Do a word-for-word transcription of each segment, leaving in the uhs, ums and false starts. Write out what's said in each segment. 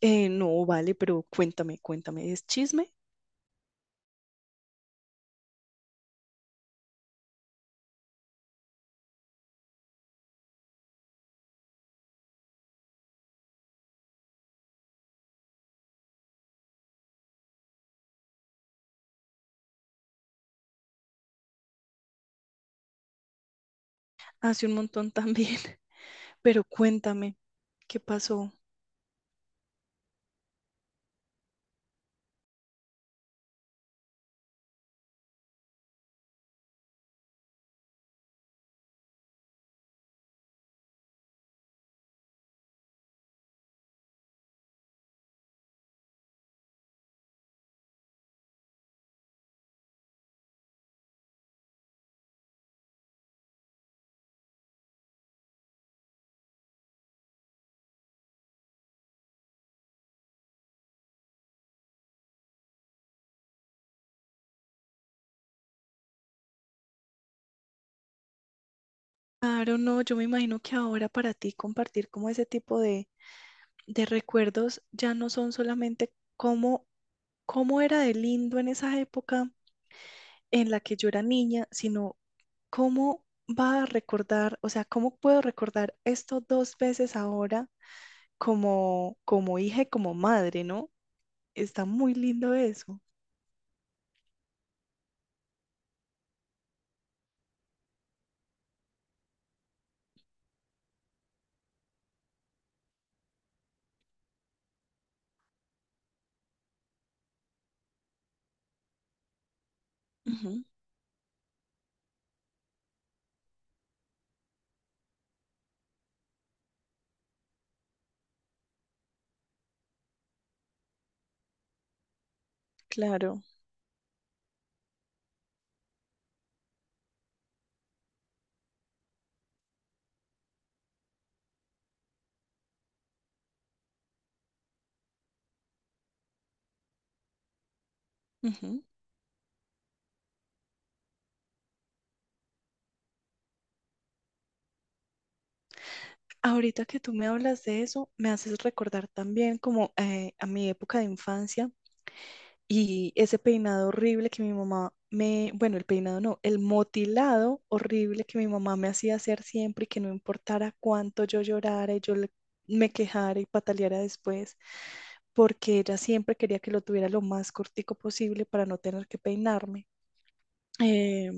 Eh, no, vale, pero cuéntame, cuéntame. Es chisme hace un montón también, pero cuéntame, ¿qué pasó? Claro, no, yo me imagino que ahora para ti compartir como ese tipo de, de recuerdos ya no son solamente cómo, cómo era de lindo en esa época en la que yo era niña, sino cómo va a recordar, o sea, cómo puedo recordar esto dos veces ahora como, como hija y como madre, ¿no? Está muy lindo eso. Claro. Ujú. Ahorita que tú me hablas de eso, me haces recordar también como eh, a mi época de infancia y ese peinado horrible que mi mamá me, bueno, el peinado no, el motilado horrible que mi mamá me hacía hacer siempre y que no importara cuánto yo llorara y yo le- me quejara y pataleara después, porque ella siempre quería que lo tuviera lo más cortico posible para no tener que peinarme. eh,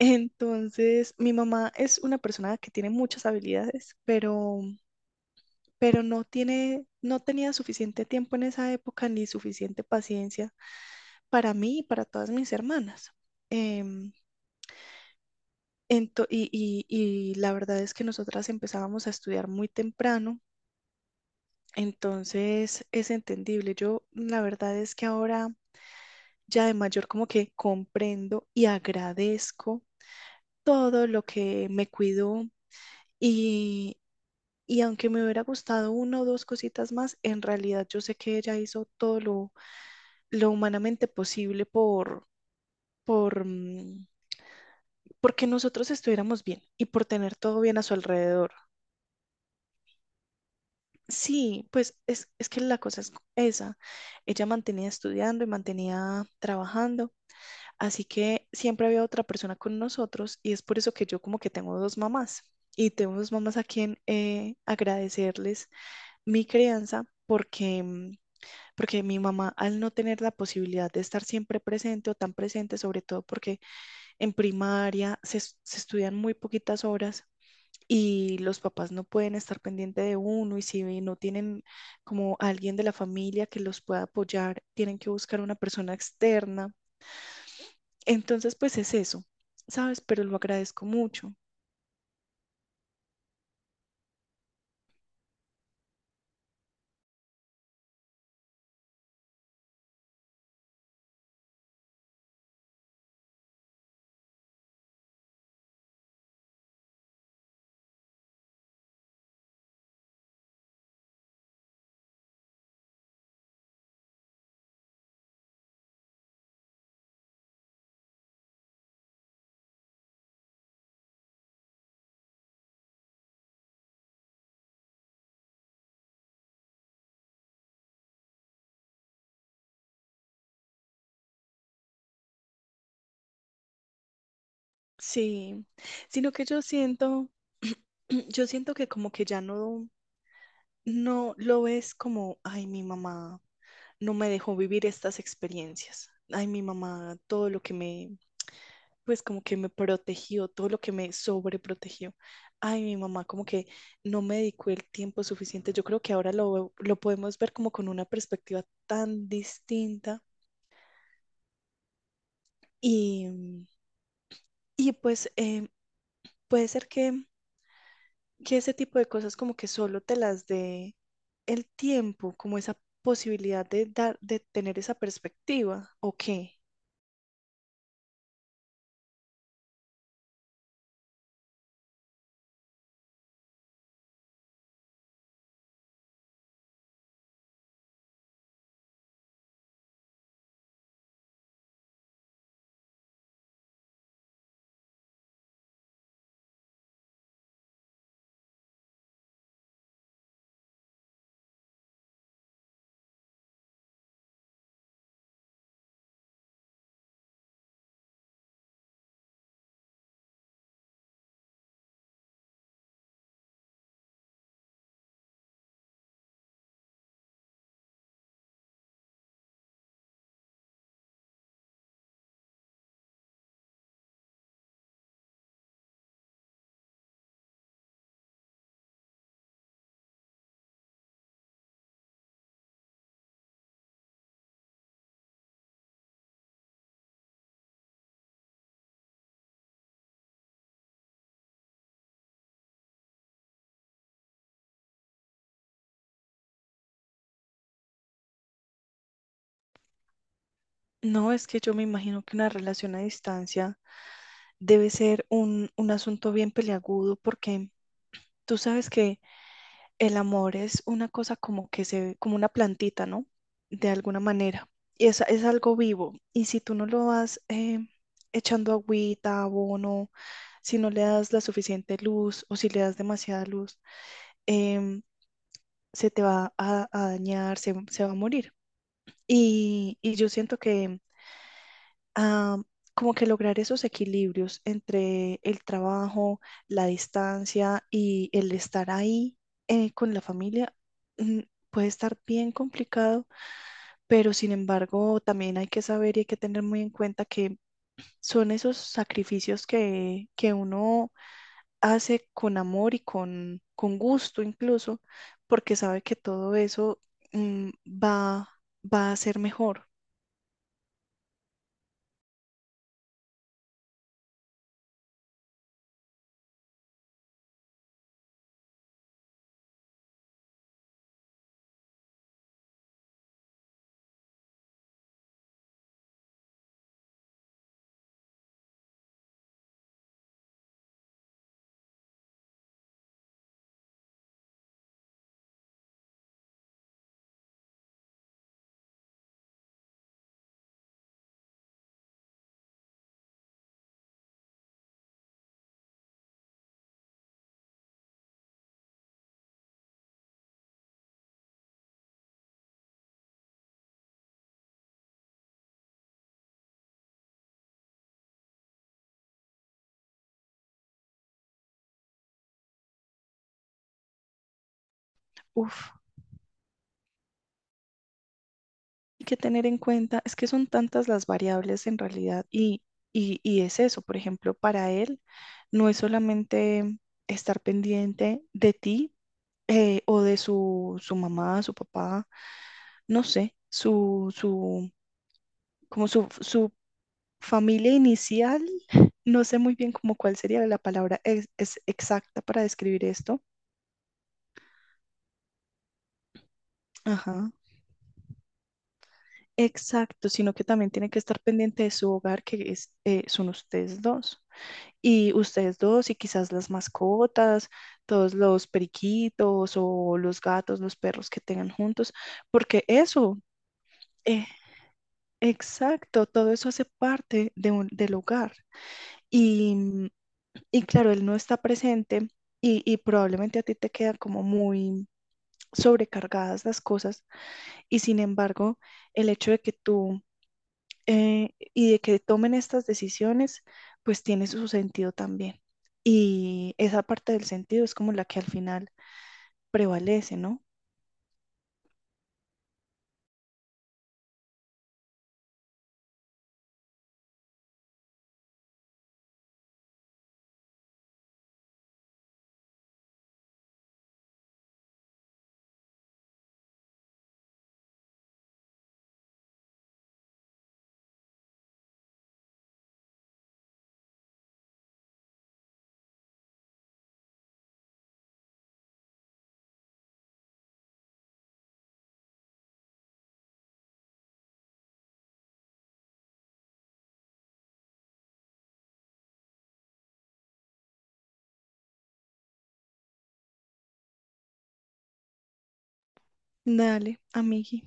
Entonces, mi mamá es una persona que tiene muchas habilidades, pero, pero no tiene, no tenía suficiente tiempo en esa época ni suficiente paciencia para mí y para todas mis hermanas. Em, ento- y, y- y la verdad es que nosotras empezábamos a estudiar muy temprano, entonces es entendible. Yo, la verdad es que ahora ya de mayor como que comprendo y agradezco todo lo que me cuidó y Y aunque me hubiera gustado una o dos cositas más, en realidad yo sé que ella hizo todo lo, lo humanamente posible por, por, mm, porque nosotros estuviéramos bien y por tener todo bien a su alrededor. Sí, pues es, es que la cosa es esa. Ella mantenía estudiando y mantenía trabajando, así que siempre había otra persona con nosotros y es por eso que yo como que tengo dos mamás y tengo dos mamás a quien eh, agradecerles mi crianza porque, mm, porque mi mamá, al no tener la posibilidad de estar siempre presente o tan presente, sobre todo porque en primaria se, es- se estudian muy poquitas horas y los papás no pueden estar pendiente de uno y si no tienen como alguien de la familia que los pueda apoyar, tienen que buscar una persona externa. Entonces, pues es eso, ¿sabes? Pero lo agradezco mucho. Sí, sino que yo siento, yo siento que como que ya no, no lo ves como, ay, mi mamá no me dejó vivir estas experiencias. Ay, mi mamá, todo lo que me, pues como que me protegió, todo lo que me sobreprotegió. Ay, mi mamá, como que no me dedicó el tiempo suficiente. Yo creo que ahora lo, lo podemos ver como con una perspectiva tan distinta, y, y pues eh, puede ser que que ese tipo de cosas como que solo te las dé el tiempo, como esa posibilidad de dar, de tener esa perspectiva, ¿o qué? No, es que yo me imagino que una relación a distancia debe ser un, un asunto bien peliagudo porque tú sabes que el amor es una cosa como que se como una plantita, ¿no? De alguna manera. Y es, es algo vivo. Y si tú no lo vas, eh, echando agüita, abono, si no le das la suficiente luz o si le das demasiada luz, em, se te va a, a dañar, se, se va a morir. Y, y yo siento que, ah, como que lograr esos equilibrios entre el trabajo, la distancia y el estar ahí eh, con la familia, mm, puede estar bien complicado, pero sin embargo también hay que saber y hay que tener muy en cuenta que son esos sacrificios que, que uno hace con amor y con, con gusto incluso, porque sabe que todo eso, mm, va, va a ser mejor. Uf, y que tener en cuenta es que son tantas las variables en realidad y, y, y es eso, por ejemplo, para él no es solamente estar pendiente de ti, eh, o de su, su mamá, su papá, no sé, su, su, como su, su familia inicial, no sé muy bien como cuál sería la palabra ex- es exacta para describir esto. Ajá. Exacto, sino que también tiene que estar pendiente de su hogar, que es, eh, son ustedes dos. Y ustedes dos y quizás las mascotas, todos los periquitos o los gatos, los perros que tengan juntos, porque eso, eh, exacto, todo eso hace parte de un- del hogar. Y, mm, y claro, él no está presente y, y probablemente a ti te queda como muy sobrecargadas las cosas. Y sin embargo, el hecho de que tú, eh, y de que tomen estas decisiones, pues tiene su sentido también. Y esa parte del sentido es como la que al final prevalece, ¿no? Dale, amigui,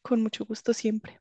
con mucho gusto siempre.